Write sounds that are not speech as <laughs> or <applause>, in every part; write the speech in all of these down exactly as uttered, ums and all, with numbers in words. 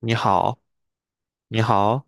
你好。你好。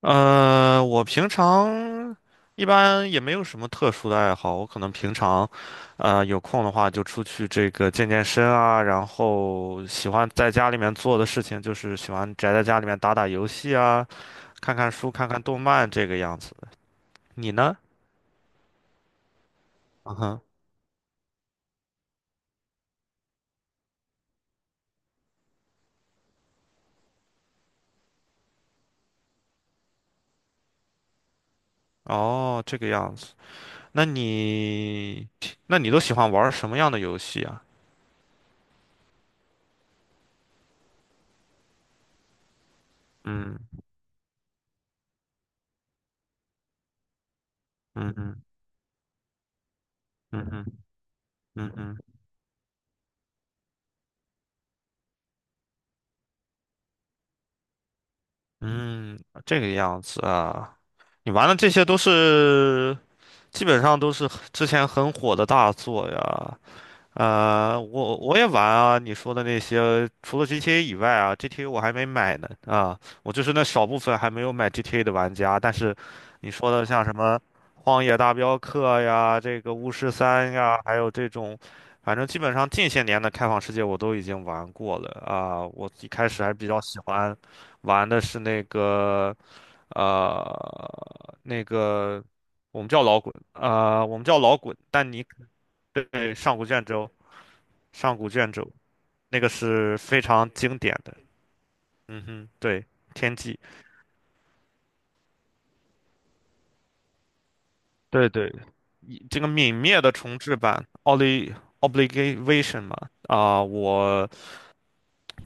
呃，我平常一般也没有什么特殊的爱好，我可能平常，呃，有空的话就出去这个健健身啊。然后喜欢在家里面做的事情就是喜欢宅在家里面打打游戏啊，看看书，看看动漫这个样子。你呢？嗯哼。哦，这个样子。那你，那你都喜欢玩什么样的游戏啊？嗯嗯嗯嗯嗯嗯嗯，嗯这个样子啊。你玩的这些都是基本上都是很之前很火的大作呀。呃，我我也玩啊，你说的那些，除了 G T A 以外啊，G T A 我还没买呢啊，我就是那少部分还没有买 G T A 的玩家。但是你说的像什么《荒野大镖客》呀，这个《巫师三》呀，还有这种，反正基本上近些年的开放世界我都已经玩过了啊。我一开始还比较喜欢玩的是那个。呃，那个我们叫老滚，呃，我们叫老滚，但你对上古卷轴，上古卷轴那个是非常经典的。嗯哼。对。天际。对对，以这个泯灭的重制版 o l i Obligation 嘛。啊、我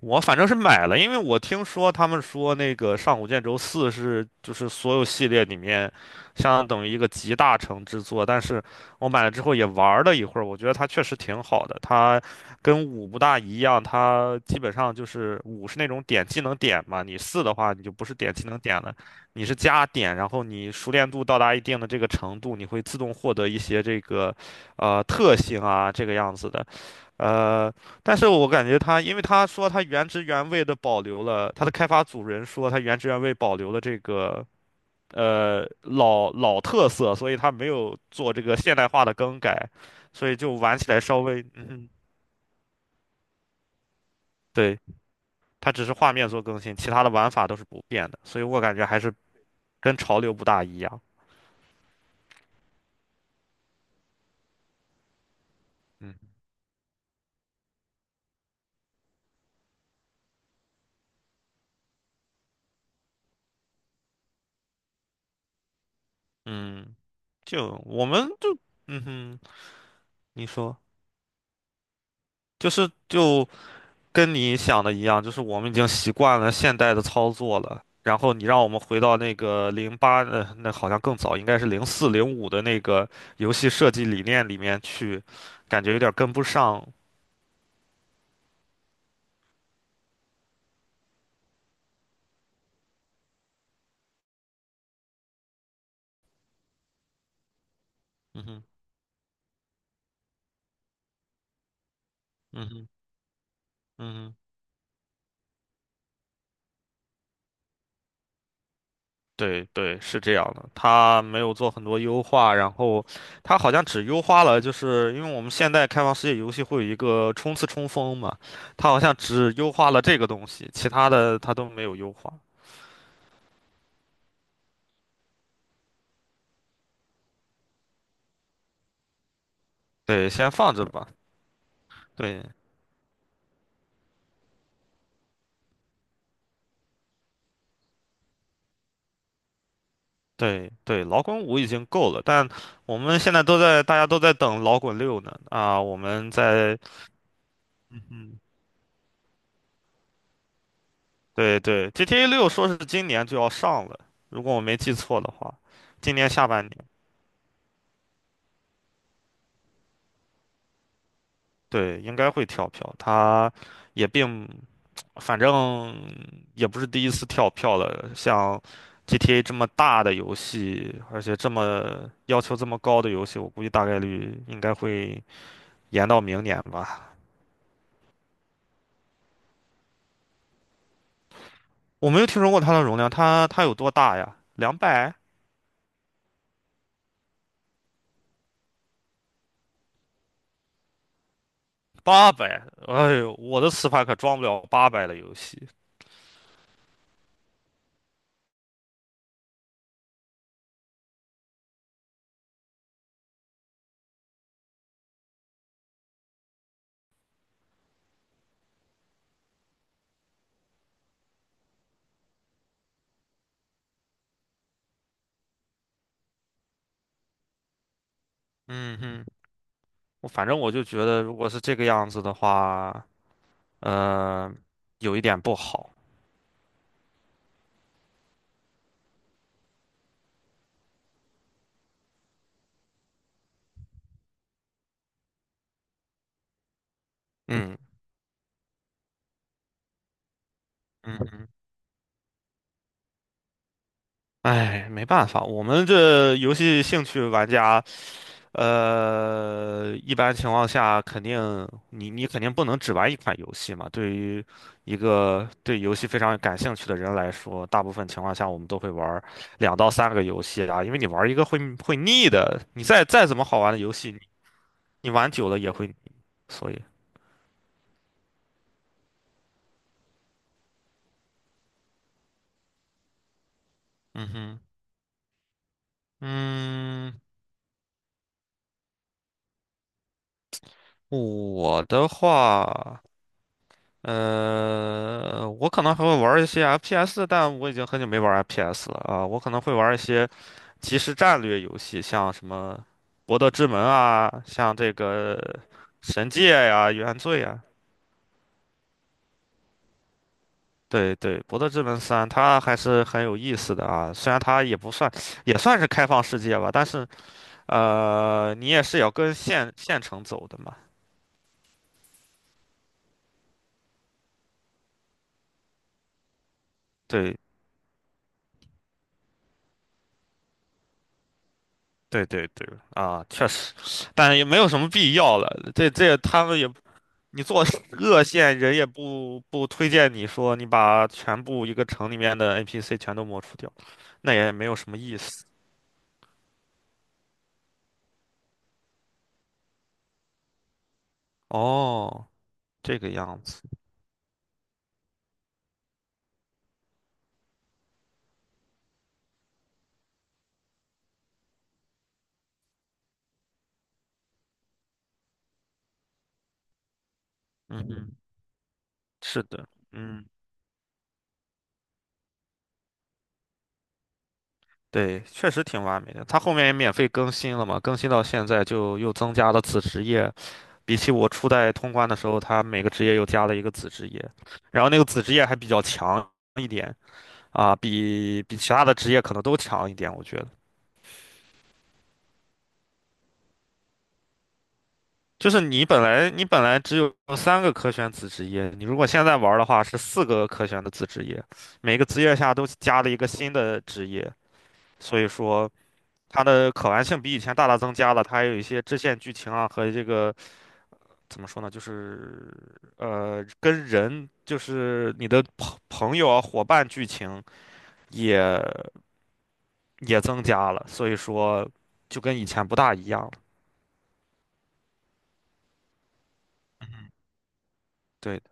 我反正是买了，因为我听说他们说那个上古卷轴四是就是所有系列里面相当等于一个集大成之作。但是我买了之后也玩了一会儿，我觉得它确实挺好的。它跟五不大一样，它基本上就是五是那种点技能点嘛，你四的话你就不是点技能点了，你是加点，然后你熟练度到达一定的这个程度，你会自动获得一些这个呃特性啊这个样子的。呃，但是我感觉它，因为他说他原汁原味的保留了，他的开发组人说他原汁原味保留了这个呃老老特色，所以他没有做这个现代化的更改，所以就玩起来稍微，嗯，对，它只是画面做更新，其他的玩法都是不变的，所以我感觉还是跟潮流不大一样。嗯嗯，就我们就嗯哼，你说就是就。跟你想的一样，就是我们已经习惯了现代的操作了。然后你让我们回到那个零八，呃，那好像更早，应该是零四零五的那个游戏设计理念里面去，感觉有点跟不上。嗯哼，嗯哼，嗯哼，对对，是这样的。它没有做很多优化，然后它好像只优化了，就是因为我们现代开放世界游戏会有一个冲刺冲锋嘛。它好像只优化了这个东西，其他的它都没有优化。对，先放着吧。对。对对，老滚五已经够了，但我们现在都在，大家都在等老滚六呢。啊，我们在，嗯，对对，G T A 六说是今年就要上了，如果我没记错的话，今年下半年，对，应该会跳票。它也并，反正也不是第一次跳票了，像 G T A 这么大的游戏，而且这么要求这么高的游戏，我估计大概率应该会延到明年吧。我没有听说过它的容量，它它有多大呀？两百、八百？哎呦，我的磁盘可装不了八百的游戏。嗯哼，我反正我就觉得，如果是这个样子的话，呃，有一点不好。嗯嗯，嗯哼，哎，没办法，我们这游戏兴趣玩家。呃，一般情况下，肯定你你肯定不能只玩一款游戏嘛。对于一个对游戏非常感兴趣的人来说，大部分情况下我们都会玩两到三个游戏啊，因为你玩一个会会腻的。你再再怎么好玩的游戏，你你玩久了也会腻所以，嗯哼，嗯，我的话，呃，我可能还会玩一些 F P S，但我已经很久没玩 F P S 了啊。我可能会玩一些。即时战略游戏，像什么《博德之门》啊，像这个《神界》呀、原罪》啊。对对，《博德之门三》它还是很有意思的啊，虽然它也不算，也算是开放世界吧，但是呃，你也是要跟县县城走的嘛。对对对对，啊，确实，但也没有什么必要了。这这他们也，你做 <laughs> 恶线人也不不推荐你说你把全部一个城里面的 N P C 全都抹除掉。那也没有什么意思。哦，这个样子。嗯嗯，是的，嗯，对，确实挺完美的。它后面也免费更新了嘛，更新到现在就又增加了子职业。比起我初代通关的时候，它每个职业又加了一个子职业，然后那个子职业还比较强一点啊，比比其他的职业可能都强一点，我觉得。就是你本来你本来只有三个可选子职业，你如果现在玩儿的话是四个可选的子职业，每个职业下都加了一个新的职业，所以说它的可玩性比以前大大增加了，它还有一些支线剧情啊和这个怎么说呢，就是呃跟人就是你的朋朋友啊伙伴剧情也也增加了，所以说就跟以前不大一样了。对的。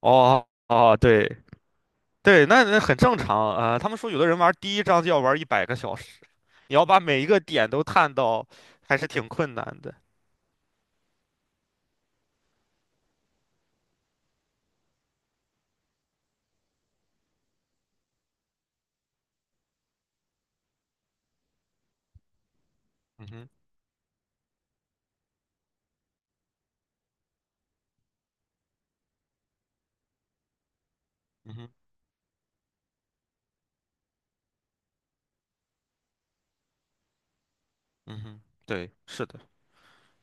哦哦对对，那那很正常啊，呃他们说有的人玩第一章就要玩一百个小时，你要把每一个点都探到，还是挺困难的。嗯哼，嗯哼，嗯哼，对，是的。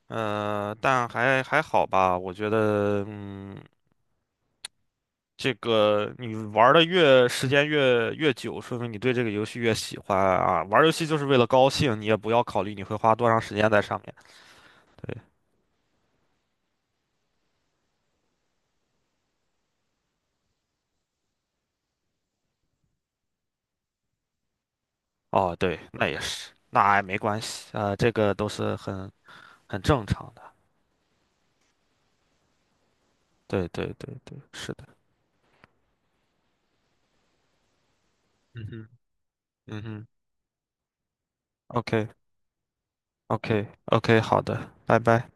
呃，但还还好吧，我觉得，嗯，这个你玩的越时间越越久，说明你对这个游戏越喜欢啊。玩游戏就是为了高兴，你也不要考虑你会花多长时间在上面。对，哦，对，那也是，那也没关系，呃，这个都是很很正常的。对对对对，是的，嗯哼，嗯哼，OK OK OK，好的，拜拜。